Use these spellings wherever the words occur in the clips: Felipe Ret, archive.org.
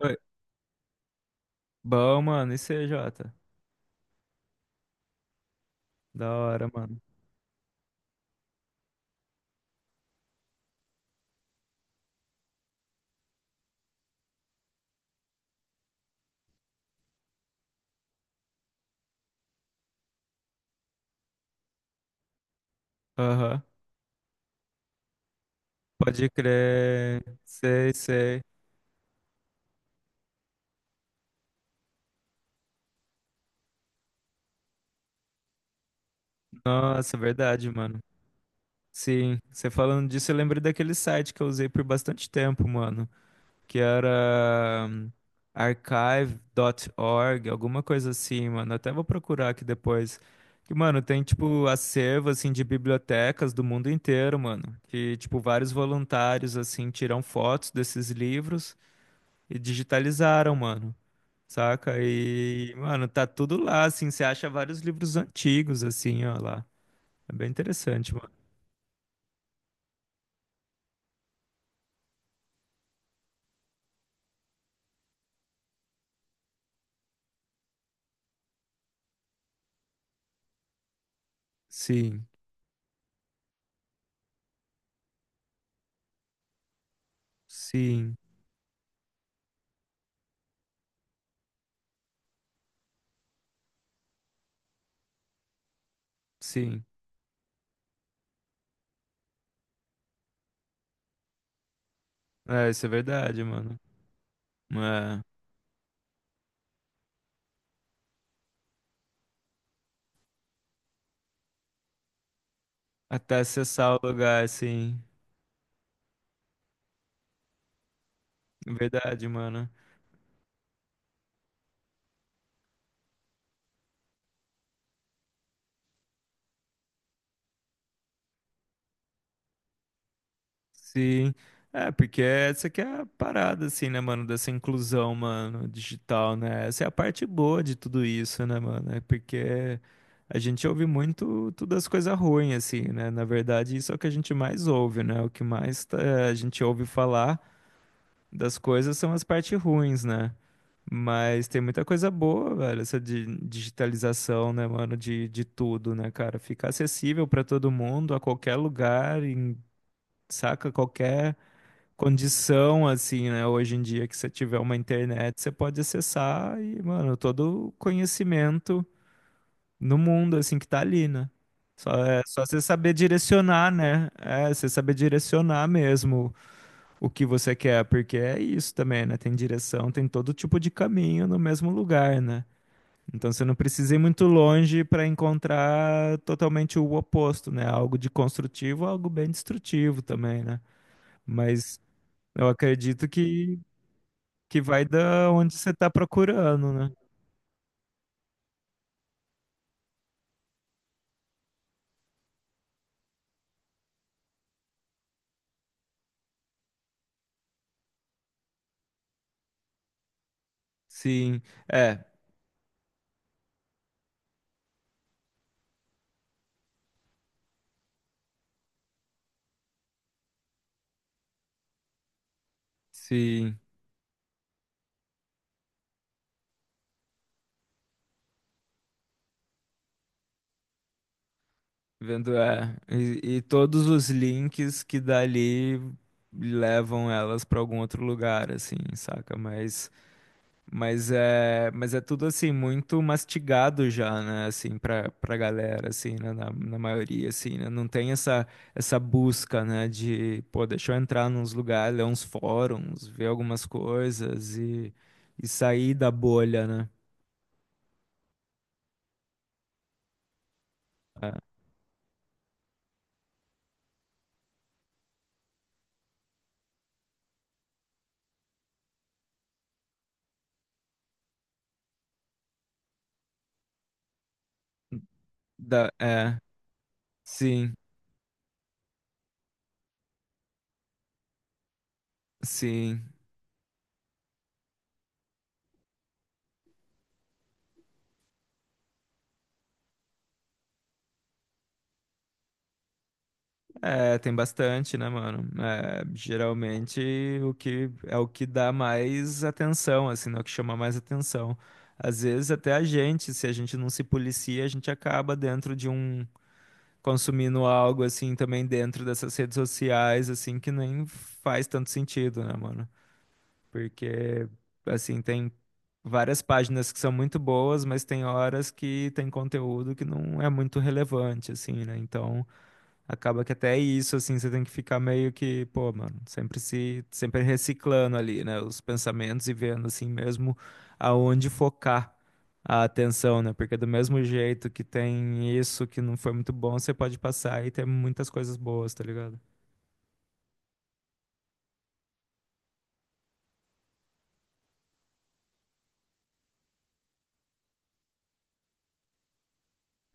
Oi. Bom, mano, e C J. Da hora, mano. Aham. Pode crer. Sei, sei. Nossa, verdade, mano. Sim, você falando disso, eu lembrei daquele site que eu usei por bastante tempo, mano. Que era archive.org, alguma coisa assim, mano. Até vou procurar aqui depois. Que, mano, tem, tipo, acervo, assim, de bibliotecas do mundo inteiro, mano. Que, tipo, vários voluntários, assim, tiram fotos desses livros e digitalizaram, mano. Saca? E, mano, tá tudo lá, assim, você acha vários livros antigos, assim, ó, lá. É bem interessante, mano. Sim, sim, sim. É, isso é verdade, mano. É, até acessar o lugar, assim. Verdade, mano. Sim. É, porque essa que é a parada, assim, né, mano, dessa inclusão, mano, digital, né? Essa é a parte boa de tudo isso, né, mano? É porque a gente ouve muito todas as coisas ruins, assim, né? Na verdade, isso é o que a gente mais ouve, né? O que mais tá- A gente ouve falar das coisas são as partes ruins, né? Mas tem muita coisa boa, velho, essa digitalização, né, mano, de tudo, né, cara? Fica acessível pra todo mundo, a qualquer lugar, em, saca? Qualquer condição, assim, né? Hoje em dia, que você tiver uma internet, você pode acessar e, mano, todo o conhecimento no mundo, assim, que tá ali, né? Só, é, só você saber direcionar, né? É, você saber direcionar mesmo o que você quer, porque é isso também, né? Tem direção, tem todo tipo de caminho no mesmo lugar, né? Então você não precisa ir muito longe para encontrar totalmente o oposto, né? Algo de construtivo, algo bem destrutivo também, né? Mas eu acredito que vai da onde você tá procurando, né? Sim, é, sim, vendo, é. E todos os links que dali levam elas pra algum outro lugar, assim, saca? Mas é tudo assim muito mastigado já, né? Assim, pra galera, assim, né? Na maioria, assim, né? Não tem essa busca, né? De, pô, deixa eu entrar nos lugares, ler uns fóruns, ver algumas coisas e sair da bolha, né? Da, é, sim, sim. É, tem bastante, né, mano? É, geralmente o que é o que dá mais atenção, assim, né? O que chama mais atenção. Às vezes até a gente, se a gente não se policia, a gente acaba dentro de um consumindo algo assim também dentro dessas redes sociais, assim, que nem faz tanto sentido, né, mano? Porque, assim, tem várias páginas que são muito boas, mas tem horas que tem conteúdo que não é muito relevante, assim, né? Então, acaba que até isso, assim, você tem que ficar meio que, pô, mano, sempre se, sempre reciclando ali, né? Os pensamentos e vendo, assim, mesmo aonde focar a atenção, né? Porque do mesmo jeito que tem isso que não foi muito bom, você pode passar e ter muitas coisas boas, tá ligado?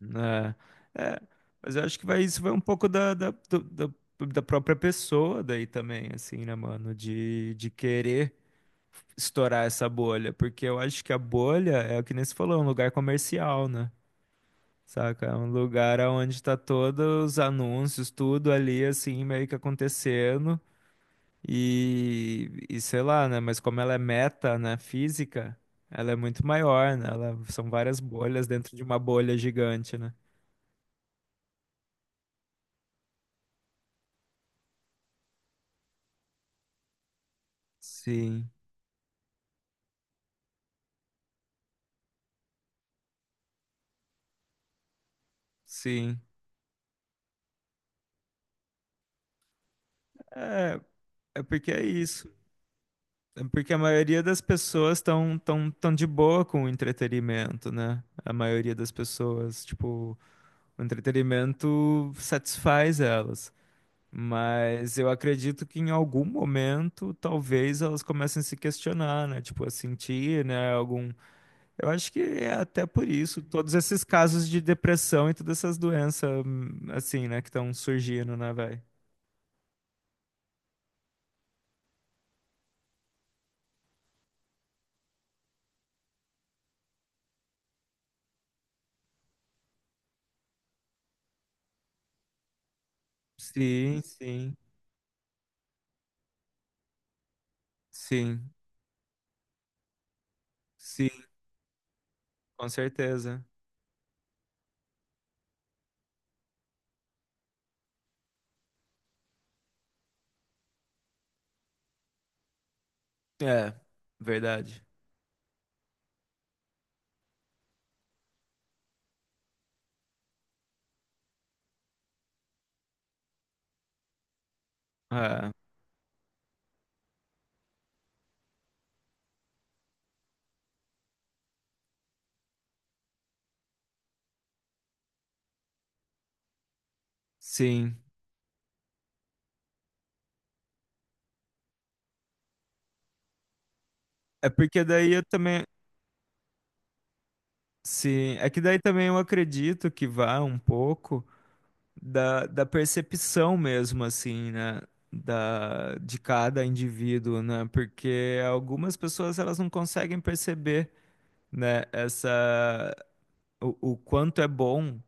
É, é, mas eu acho que vai, isso vai um pouco da própria pessoa daí também, assim, né, mano? De querer estourar essa bolha. Porque eu acho que a bolha é o que nem você falou, é um lugar comercial, né? Saca? É um lugar onde tá todos os anúncios, tudo ali, assim, meio que acontecendo. E sei lá, né? Mas como ela é meta, né, física, ela é muito maior, né? Ela, são várias bolhas dentro de uma bolha gigante, né? Sim. Sim. É, é porque é isso. É porque a maioria das pessoas estão tão, tão de boa com o entretenimento, né? A maioria das pessoas, tipo, o entretenimento satisfaz elas. Mas eu acredito que em algum momento, talvez elas comecem a se questionar, né? Tipo, a sentir, né? Algum. Eu acho que é até por isso, todos esses casos de depressão e todas essas doenças, assim, né, que estão surgindo, né, velho? Sim, sim, sim. Sim, com certeza. É, verdade. É, sim. É porque daí eu também. Sim, é que daí também eu acredito que vá um pouco da percepção mesmo, assim, né? Da, de cada indivíduo, né? Porque algumas pessoas elas não conseguem perceber, né? Essa, o quanto é bom.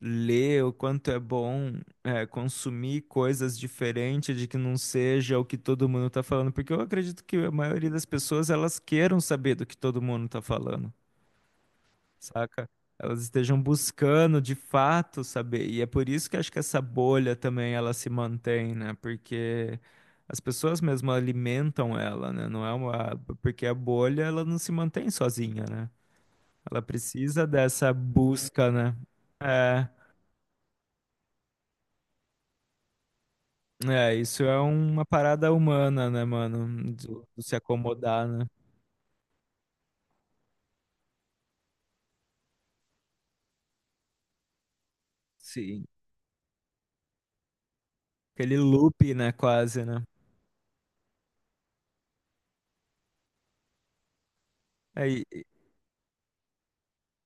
Ler o quanto é bom é, consumir coisas diferentes de que não seja o que todo mundo está falando, porque eu acredito que a maioria das pessoas elas queiram saber do que todo mundo está falando, saca? Elas estejam buscando de fato saber, e é por isso que acho que essa bolha também ela se mantém, né? Porque as pessoas mesmo alimentam ela, né? Não é uma porque a bolha ela não se mantém sozinha, né? Ela precisa dessa busca, né? É. É, isso é uma parada humana, né, mano? Do se acomodar, né? Sim. Aquele loop, né, quase, né? É, e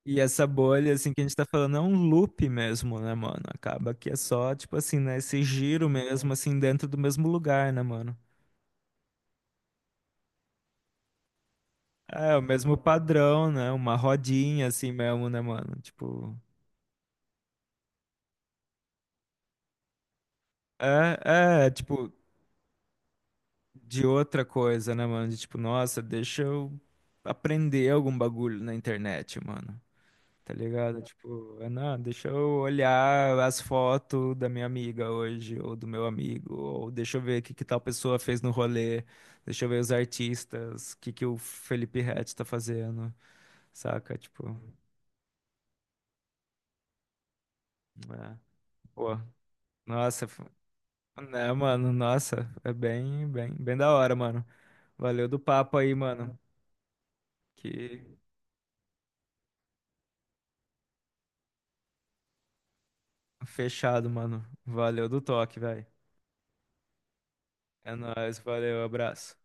e essa bolha, assim, que a gente tá falando é um loop mesmo, né, mano? Acaba que é só, tipo assim, né, esse giro mesmo, assim, dentro do mesmo lugar, né, mano? É, o mesmo padrão, né? Uma rodinha, assim, mesmo, né, mano? Tipo... tipo, de outra coisa, né, mano? De tipo, nossa, deixa eu aprender algum bagulho na internet, mano. Tá ligado? Tipo, é não, deixa eu olhar as fotos da minha amiga hoje, ou do meu amigo, ou deixa eu ver o que que tal pessoa fez no rolê, deixa eu ver os artistas, o que que o Felipe Ret tá fazendo, saca? Tipo, é, pô, nossa, f- né, mano, nossa, é bem, bem, bem da hora, mano. Valeu do papo aí, mano. Que fechado, mano. Valeu do toque, velho. É nóis, valeu, abraço.